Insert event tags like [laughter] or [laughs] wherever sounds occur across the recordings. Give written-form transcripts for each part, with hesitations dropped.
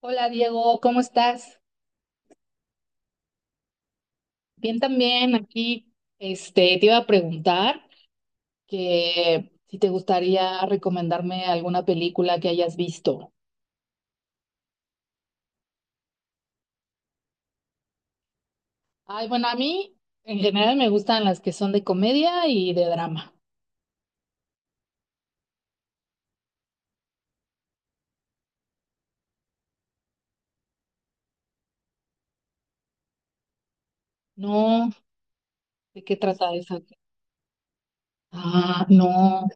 Hola Diego, ¿cómo estás? Bien también aquí. Te iba a preguntar que si te gustaría recomendarme alguna película que hayas visto. Ay, bueno, a mí en general me gustan las que son de comedia y de drama. No, ¿de qué trata esa? Ah, no.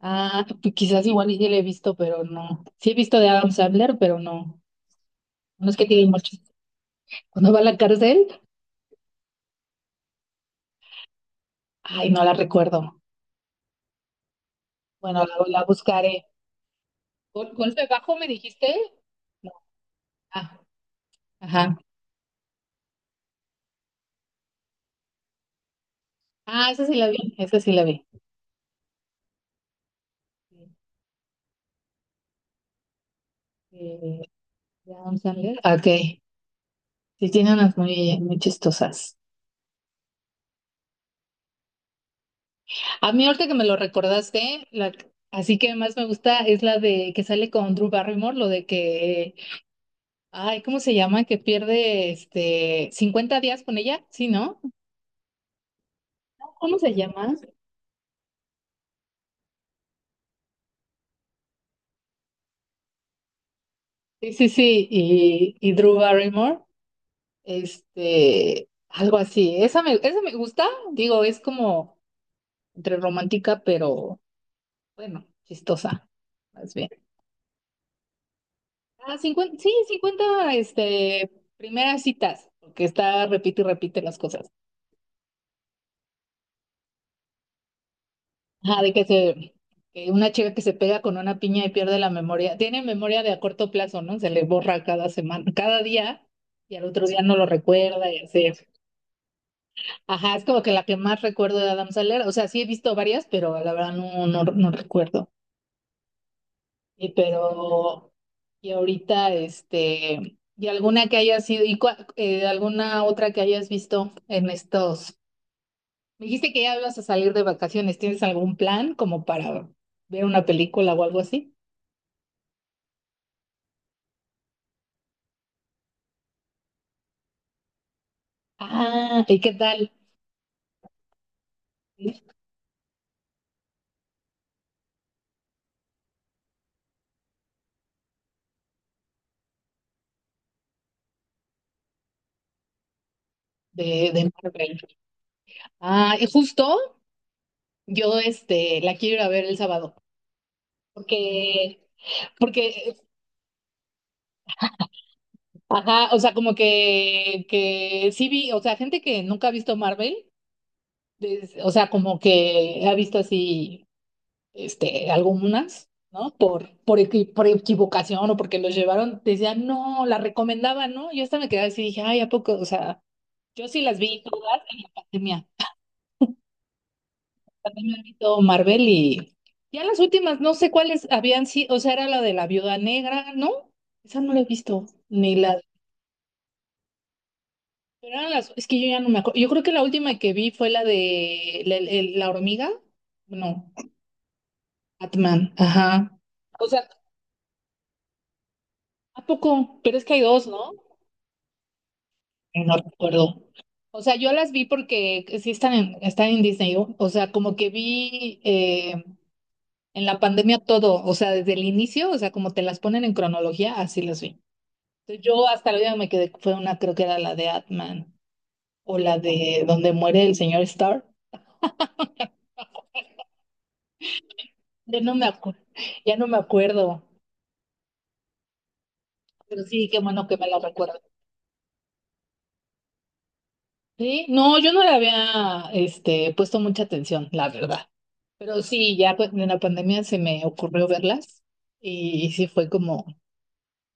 Ah, pues quizás igual y sí la he visto, pero no. Sí he visto de Adam Sandler, pero no. No es que tiene mucho. Cuando va a la cárcel, ay, no la recuerdo. Bueno, la buscaré. ¿Golpe bajo me dijiste? No. Ah, ajá. Ah, esa sí la vi, esa sí la vi. Eh, de Adam Sandler. Ah, ok. Sí, tiene unas muy, muy chistosas. A mí ahorita que me lo recordaste, así que más me gusta es la de que sale con Drew Barrymore, lo de que, ay, ¿cómo se llama? Que pierde 50 días con ella, ¿sí, no? ¿Cómo se llama? Sí, sí, sí, y Drew Barrymore. Algo así. Esa me gusta, digo, es como entre romántica, pero bueno, chistosa, más bien. Ah, cincuenta sí, cincuenta primeras citas, porque está, repite y repite las cosas. Ajá, que una chica que se pega con una piña y pierde la memoria, tiene memoria de a corto plazo, ¿no? Se le borra cada semana, cada día, y al otro día no lo recuerda y así. Ajá, es como que la que más recuerdo de Adam Sandler, o sea, sí he visto varias, pero la verdad no, no recuerdo. Y pero, y ahorita, y alguna que haya sido, alguna otra que hayas visto en estos. Me dijiste que ya ibas a salir de vacaciones. ¿Tienes algún plan como para ver una película o algo así? Ah, ¿y qué tal? De, de Marvel. Ah, y justo yo, la quiero ir a ver el sábado. Porque porque, ajá, o sea, como que sí vi, o sea, gente que nunca ha visto Marvel, o sea, como que ha visto así, algunas, ¿no? Por equivocación o porque los llevaron, decían, no, las recomendaban, ¿no? Yo hasta me quedaba así, dije, ay, ¿a poco? O sea, yo sí las vi todas en la pandemia. También me he visto Marvel y ya las últimas, no sé cuáles habían sido, o sea, era la de la Viuda Negra, ¿no? Esa no la he visto, ni la. Es que yo ya no me acuerdo. Yo creo que la última que vi fue la de la hormiga. No, Batman, ajá. O sea, ¿a poco? Pero es que hay dos, ¿no? No recuerdo. O sea, yo las vi porque sí están en Disney. O sea, como que vi, en la pandemia todo, o sea, desde el inicio, o sea, como te las ponen en cronología, así las vi. Entonces, yo hasta la vida me quedé, fue una, creo que era la de Atman o la de donde muere el señor Starr. Ya no me acuerdo, ya no me acuerdo, pero sí, qué bueno que me la recuerdo. Sí, no, yo no le había, puesto mucha atención, la verdad. Pero sí, ya pues, en la pandemia se me ocurrió verlas sí fue como,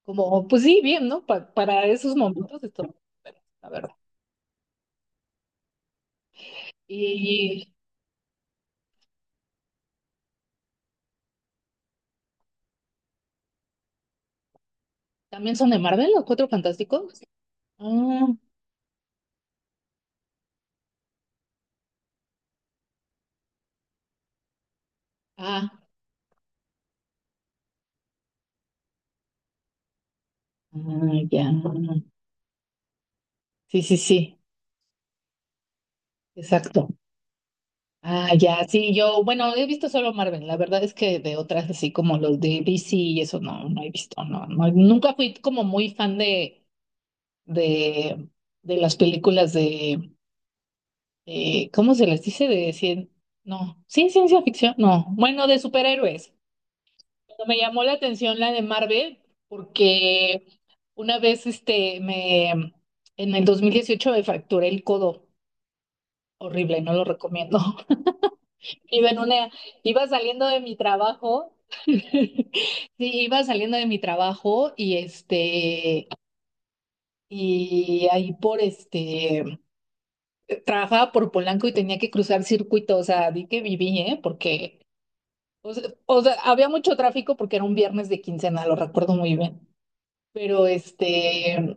como, pues sí, bien, ¿no? Para esos momentos, la verdad. Y también son de Marvel, los Cuatro Fantásticos. Ah, ah, ah, ya. Sí, sí, sí, exacto. Ah, ya, sí, yo, bueno, he visto solo Marvel, la verdad es que de otras así como los de DC y eso no, no he visto, no, no, nunca fui como muy fan de, de, de las películas de, ¿cómo se les dice? De cien, no, sí, ciencia ficción, no, bueno, de superhéroes. Pero me llamó la atención la de Marvel, porque una vez, en el 2018 me fracturé el codo, horrible, no lo recomiendo. [laughs] Iba en una, Iba saliendo de mi trabajo, [laughs] sí, iba saliendo de mi trabajo. Y ahí, trabajaba por Polanco y tenía que cruzar circuito, o sea, di que viví, ¿eh? O sea, había mucho tráfico porque era un viernes de quincena, lo recuerdo muy bien. Pero este,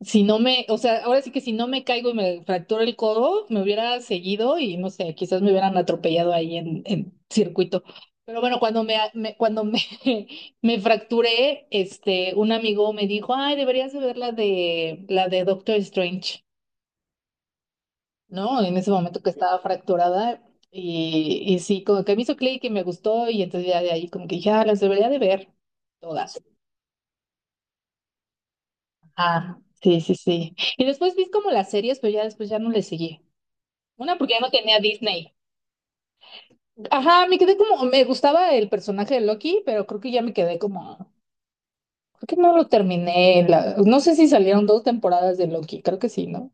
si no me, O sea, ahora sí que si no me caigo y me fracturo el codo, me hubiera seguido y no sé, quizás me hubieran atropellado ahí en circuito. Pero bueno, cuando me [laughs] me fracturé, un amigo me dijo, ay, deberías de ver la de Doctor Strange. ¿No? En ese momento que estaba fracturada y sí, como que me hizo clic y me gustó y entonces ya de ahí como que dije, ah, las debería de ver todas. Ah, sí, sí, sí. Y después vi como las series, pero ya después ya no le seguí. Una porque ya no tenía Disney. Ajá, me quedé como, me gustaba el personaje de Loki, pero creo que ya me quedé como, creo que no lo terminé. No sé si salieron dos temporadas de Loki, creo que sí, ¿no?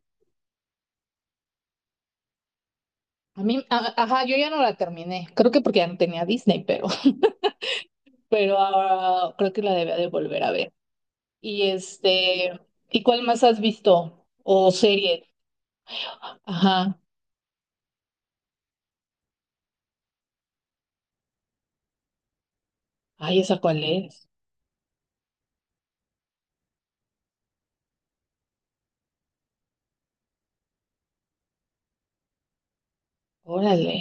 Ajá, yo ya no la terminé, creo que porque ya no tenía Disney, pero, [laughs] pero ahora creo que la debía de volver a ver. Y este, ¿Y cuál más has visto? O serie. Ajá. Ay, ¿esa cuál es? Órale.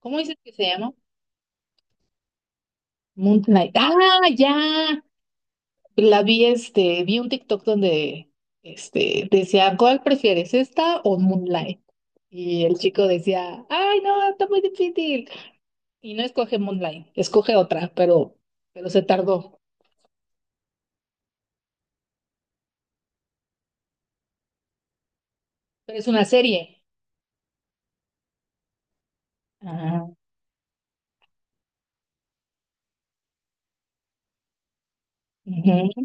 ¿Cómo dices que se llama? Moon Knight. Ah, ya. La vi, vi un TikTok donde, decía, ¿cuál prefieres, esta o Moonlight? Y el chico decía, ay, no, está muy difícil. Y no escoge Moonlight, escoge otra, pero se tardó. Pero es una serie. Ah, ujú.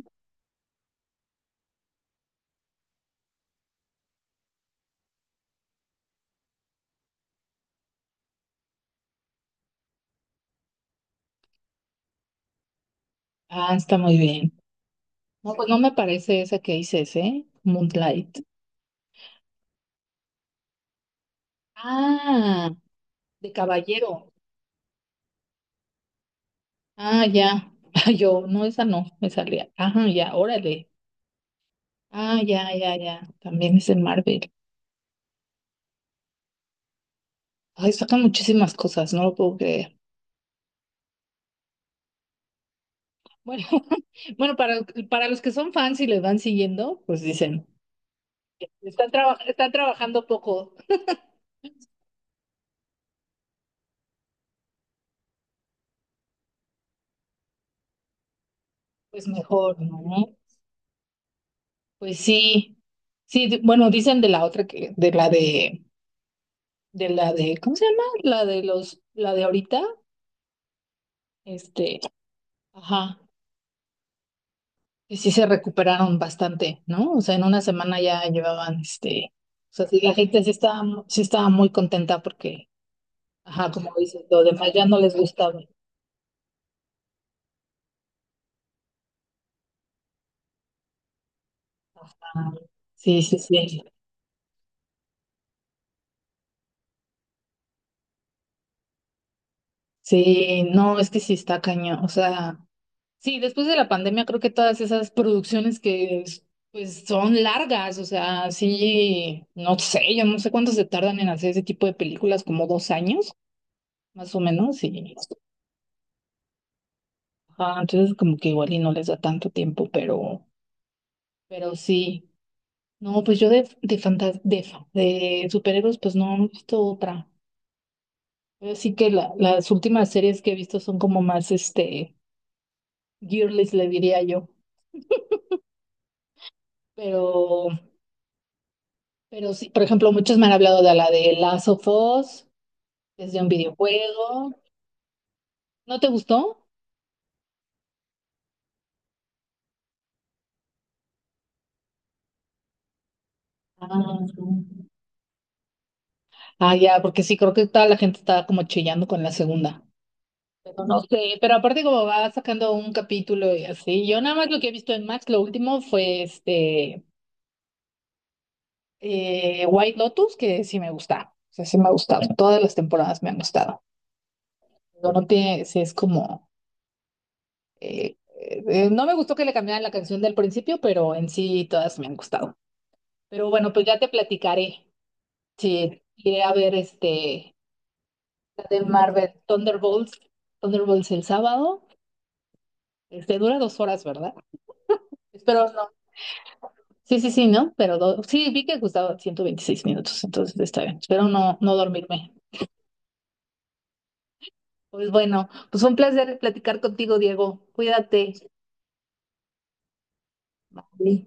Ah, está muy bien. No, pues no me parece esa que dices, ¿eh? Moonlight. Ah, de caballero. Ah, ya. [laughs] Yo, no, esa no, me salía. Ajá, ya, órale. Ah, ya, ya, ya. También es en Marvel. Ay, sacan muchísimas cosas, no lo puedo creer. Bueno, [laughs] bueno, para los que son fans y les van siguiendo, pues dicen, están trabajando poco, pues mejor, ¿no? Pues sí. Sí, bueno, dicen de la otra que, de la de, ¿cómo se llama? La de ahorita, este, ajá, y sí se recuperaron bastante, ¿no? O sea, en una semana ya llevaban, o sea, sí, la gente sí estaba, sí estaba muy contenta porque, ajá, como dices, lo demás ya no les gustaba. Ah, sí, sí, sí. Sí, no, es que sí está cañón. O sea, sí, después de la pandemia creo que todas esas producciones que pues son largas, o sea, sí, no sé, yo no sé cuánto se tardan en hacer ese tipo de películas, como 2 años más o menos, y ajá, entonces como que igual y no les da tanto tiempo, pero sí. No, pues yo de fantas- de, fa- de superhéroes, pues no, no he visto otra. Así que las últimas series que he visto son como más girlies, le diría yo. Pero, pero sí, por ejemplo, muchos me han hablado de la de Last of Us, desde un videojuego. ¿No te gustó? Ah, ah, ya, porque sí, creo que toda la gente estaba como chillando con la segunda. Pero no sé, pero aparte como va sacando un capítulo y así, yo nada más lo que he visto en Max, lo último fue White Lotus, que sí me gusta, o sea, sí me ha gustado, todas las temporadas me han gustado. No, no tiene, sí es como, no me gustó que le cambiaran la canción del principio, pero en sí todas me han gustado. Pero bueno, pues ya te platicaré, sí, iré a ver la de Marvel, Thunderbolts, el sábado, dura 2 horas, ¿verdad? Espero no. Sí, sí, sí, ¿no? Pero sí, vi que gustaba 126 minutos, entonces está bien. Espero no, no dormirme. Pues bueno, pues fue un placer platicar contigo, Diego. Cuídate. Sí.